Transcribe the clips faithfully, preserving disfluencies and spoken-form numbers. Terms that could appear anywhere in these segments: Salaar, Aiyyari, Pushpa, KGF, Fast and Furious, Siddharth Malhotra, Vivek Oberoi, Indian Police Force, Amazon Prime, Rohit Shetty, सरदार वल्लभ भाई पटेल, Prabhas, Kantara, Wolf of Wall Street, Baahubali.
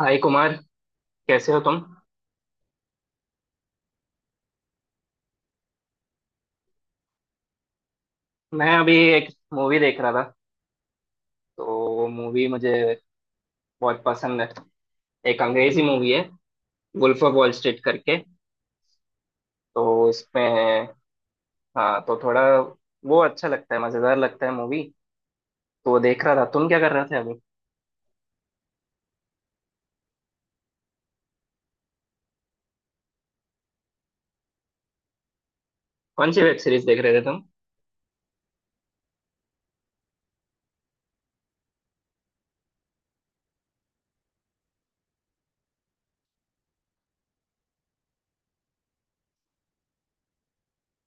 हाय कुमार, कैसे हो तुम? मैं अभी एक मूवी देख रहा था। तो मूवी मुझे बहुत पसंद है। एक अंग्रेजी मूवी है, वुल्फ ऑफ वॉल स्ट्रीट करके। तो इसमें, हाँ, तो थोड़ा वो अच्छा लगता है, मज़ेदार लगता है मूवी। तो वो देख रहा था। तुम क्या कर रहे थे अभी? कौन सी वेब सीरीज देख रहे थे तुम?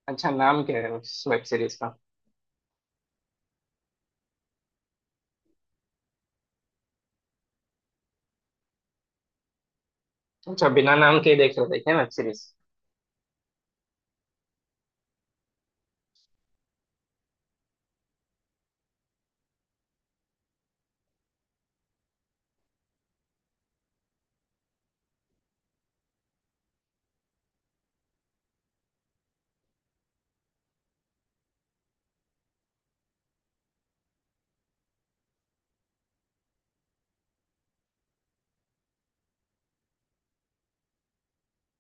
अच्छा, नाम क्या है उस वेब सीरीज का? अच्छा, बिना नाम के ही देख रहे थे क्या वेब सीरीज?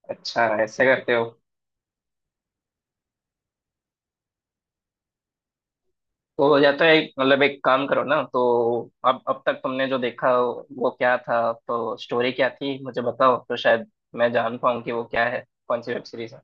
अच्छा, ऐसे करते हो? तो या तो एक, मतलब एक काम करो ना। तो अब अब तक तुमने जो देखा वो क्या था? तो स्टोरी क्या थी मुझे बताओ, तो शायद मैं जान पाऊँ कि वो क्या है, कौन सी वेब सीरीज है।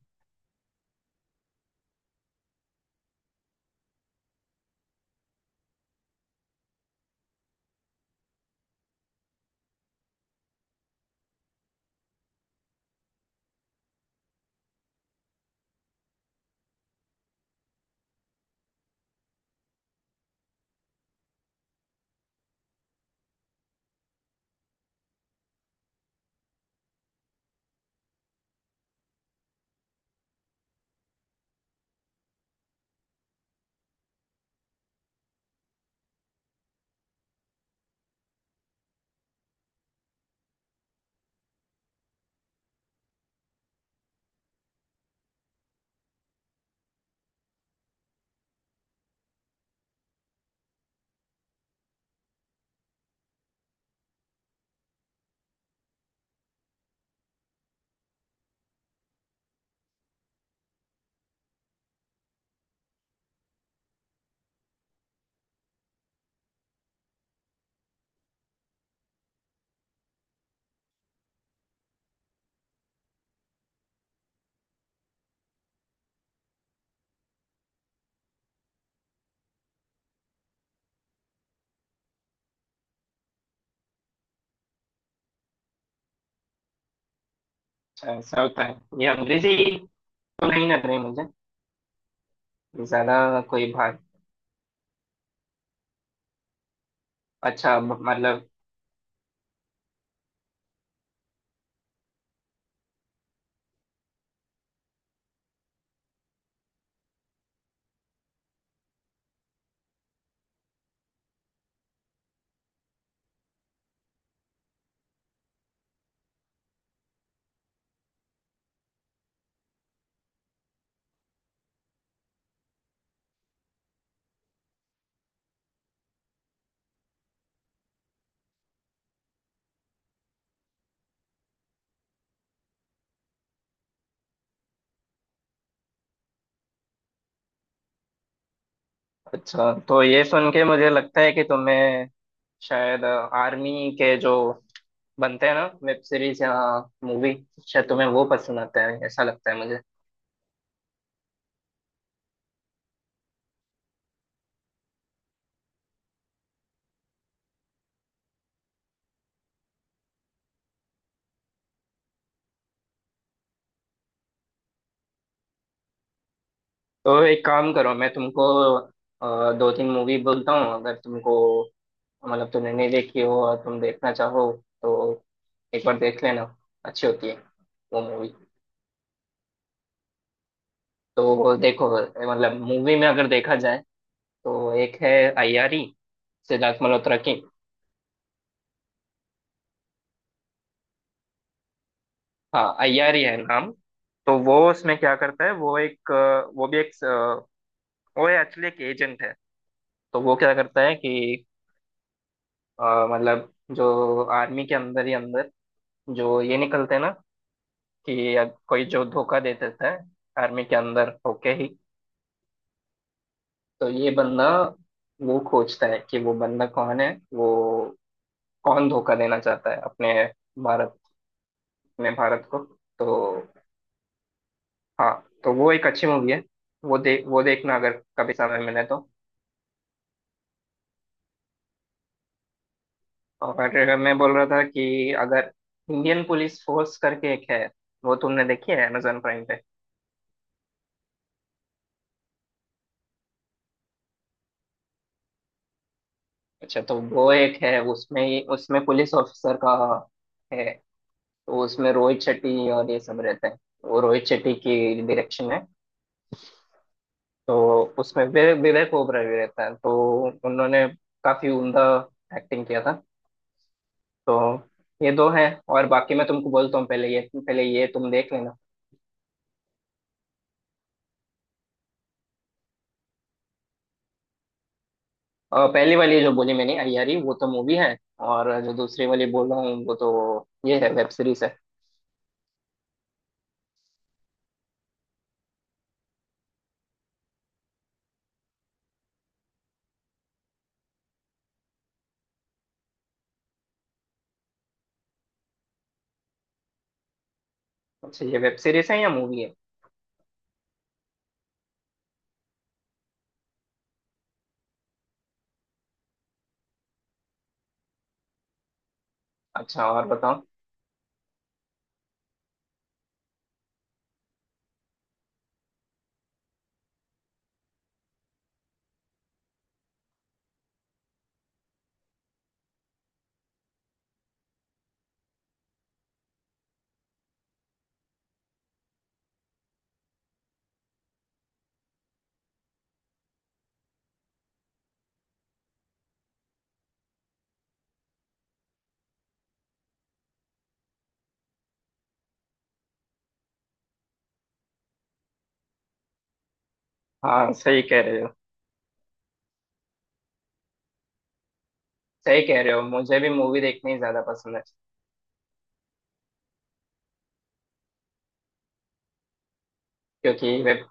अच्छा, ऐसा होता है। ये अंग्रेजी तो नहीं लग रही मुझे ज्यादा। कोई भाग। अच्छा, म- मतलब। अच्छा, तो ये सुन के मुझे लगता है कि तुम्हें शायद आर्मी के जो बनते हैं ना वेब सीरीज या मूवी, शायद तुम्हें वो पसंद आता है, ऐसा लगता है मुझे। तो एक काम करो, मैं तुमको अ, दो तीन मूवी बोलता हूँ। अगर तुमको, मतलब तुमने नहीं देखी हो और तुम देखना चाहो तो एक बार देख लेना। अच्छी होती है वो मूवी। तो देखो, मतलब मूवी में अगर देखा जाए तो एक है अय्यारी, सिद्धार्थ मल्होत्रा की। हाँ, अय्यारी है नाम। तो वो उसमें क्या करता है, वो एक अ, वो भी एक अ, वो एक्चुअली एक एजेंट है। तो वो क्या करता है कि अ, मतलब जो आर्मी के अंदर ही अंदर जो ये निकलते हैं ना कि अग- कोई जो धोखा दे देता है आर्मी के अंदर होके ही। तो ये बंदा वो खोजता है कि वो बंदा कौन है, वो कौन धोखा देना चाहता है अपने भारत अपने भारत को। तो हाँ। तो वो एक अच्छी मूवी है। वो दे वो देखना अगर कभी समय मिले तो। और मैं बोल रहा था कि अगर इंडियन पुलिस फोर्स करके एक है, वो तुमने देखी है अमेजोन प्राइम पे? अच्छा, तो वो एक है, उसमें उसमें पुलिस ऑफिसर का है। तो उसमें रोहित शेट्टी और ये सब रहते हैं। वो रोहित शेट्टी की डायरेक्शन है। तो उसमें वि- विवेक ओबराय भी रहता है। तो उन्होंने काफी उम्दा एक्टिंग किया था। तो ये दो हैं। और बाकी मैं तुमको बोलता हूँ, पहले ये पहले ये तुम देख लेना। अ, पहली वाली जो बोली मैंने अय्यारी, वो तो मूवी है। और जो दूसरी वाली बोल रहा हूँ वो तो ये है, वेब सीरीज है। अच्छा, ये वेब सीरीज है या मूवी है? अच्छा, और बताओ। हाँ, सही कह रहे हो। सही कह रहे हो, मुझे भी मूवी देखनी ज्यादा पसंद है, क्योंकि वेब,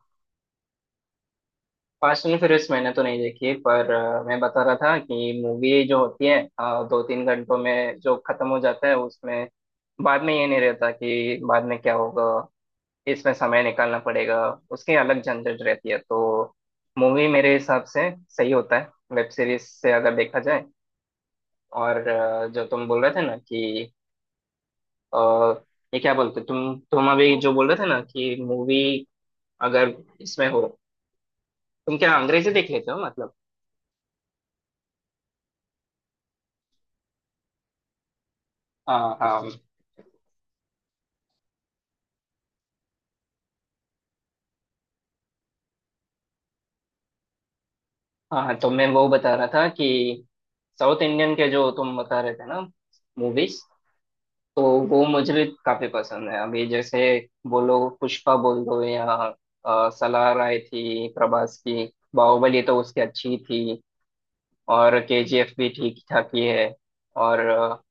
फास्ट एंड फ्यूरियस मैंने तो नहीं देखी, पर अ, मैं बता रहा था कि मूवी जो होती है अ, दो तीन घंटों में जो खत्म हो जाता है, उसमें बाद में ये नहीं रहता कि बाद में क्या होगा, इसमें समय निकालना पड़ेगा, उसकी अलग झंझट रहती है। तो मूवी मेरे हिसाब से सही होता है, वेब सीरीज से अगर देखा जाए। और अ, जो तुम बोल रहे थे ना कि अ, ये क्या बोलते, तुम तुम अभी जो बोल रहे थे ना कि मूवी अगर इसमें हो, तुम क्या अंग्रेजी देख लेते हो मतलब? हाँ, हाँ, हाँ, तो मैं वो बता रहा था कि साउथ इंडियन के जो तुम बता रहे थे ना, मूवीज, तो वो मुझे काफी पसंद है। अभी जैसे बोलो पुष्पा बोल दो, या अ, सलार आई थी प्रभास की। बाहुबली, तो उसकी अच्छी थी। और केजीएफ भी ठीक ठाक ही है। और अ,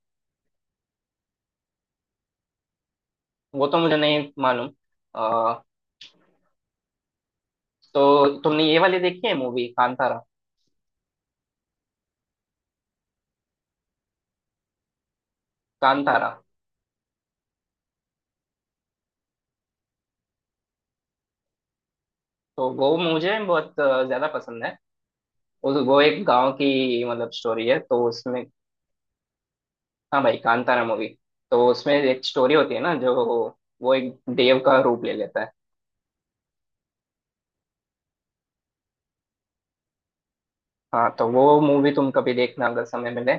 वो तो मुझे नहीं मालूम। अ, तो तुमने ये वाली देखी है मूवी, कांतारा? कांतारा, तो वो मुझे बहुत अ, ज्यादा पसंद है। उस वो एक गांव की मतलब स्टोरी है, तो उसमें, हाँ भाई, कांतारा मूवी, तो उसमें एक स्टोरी होती है ना जो, वो एक देव का रूप ले लेता है। हाँ, तो वो मूवी तुम कभी देखना अगर समय मिले।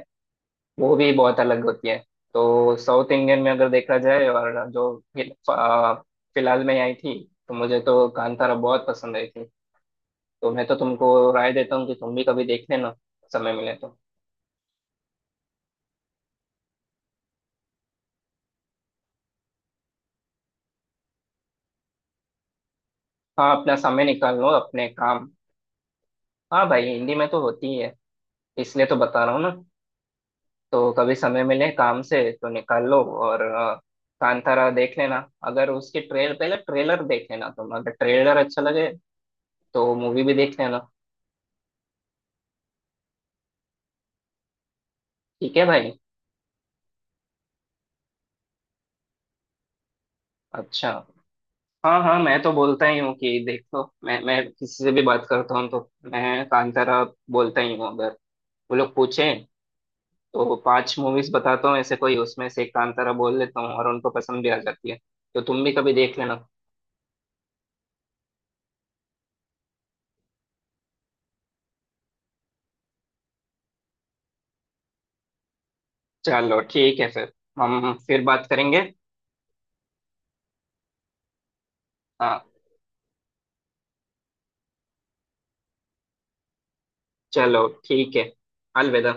वो भी बहुत अलग होती है। तो साउथ इंडियन में अगर देखा जाए और जो फिल- आ, फिलहाल में आई थी, तो मुझे तो कांतारा बहुत पसंद आई थी। तो मैं तो तुमको राय देता हूँ कि तुम भी कभी देख लेना, समय मिले तो। हाँ, अपना समय निकाल लो अपने काम। हाँ भाई, हिंदी में तो होती ही है, इसलिए तो बता रहा हूँ ना। तो कभी समय मिले काम से तो निकाल लो, और अ, कांतारा देख लेना। अगर उसकी ट्रेल पहले ट्रेलर देख लेना तुम, अगर ट्रेलर अच्छा लगे तो मूवी भी देख लेना। ठीक है भाई। अच्छा, हाँ, हाँ, मैं तो बोलता ही हूँ कि देख लो। मैं मैं किसी से भी बात करता हूँ तो मैं कांतारा बोलता ही हूँ, अगर वो लोग पूछें तो। पांच मूवीज बताता हूँ ऐसे कोई, उसमें से एक कांतारा बोल लेता हूँ और उनको पसंद भी आ जाती है। तो तुम भी कभी देख लेना। चलो ठीक है फिर, हम फिर बात करेंगे। हाँ, चलो ठीक है। अलविदा।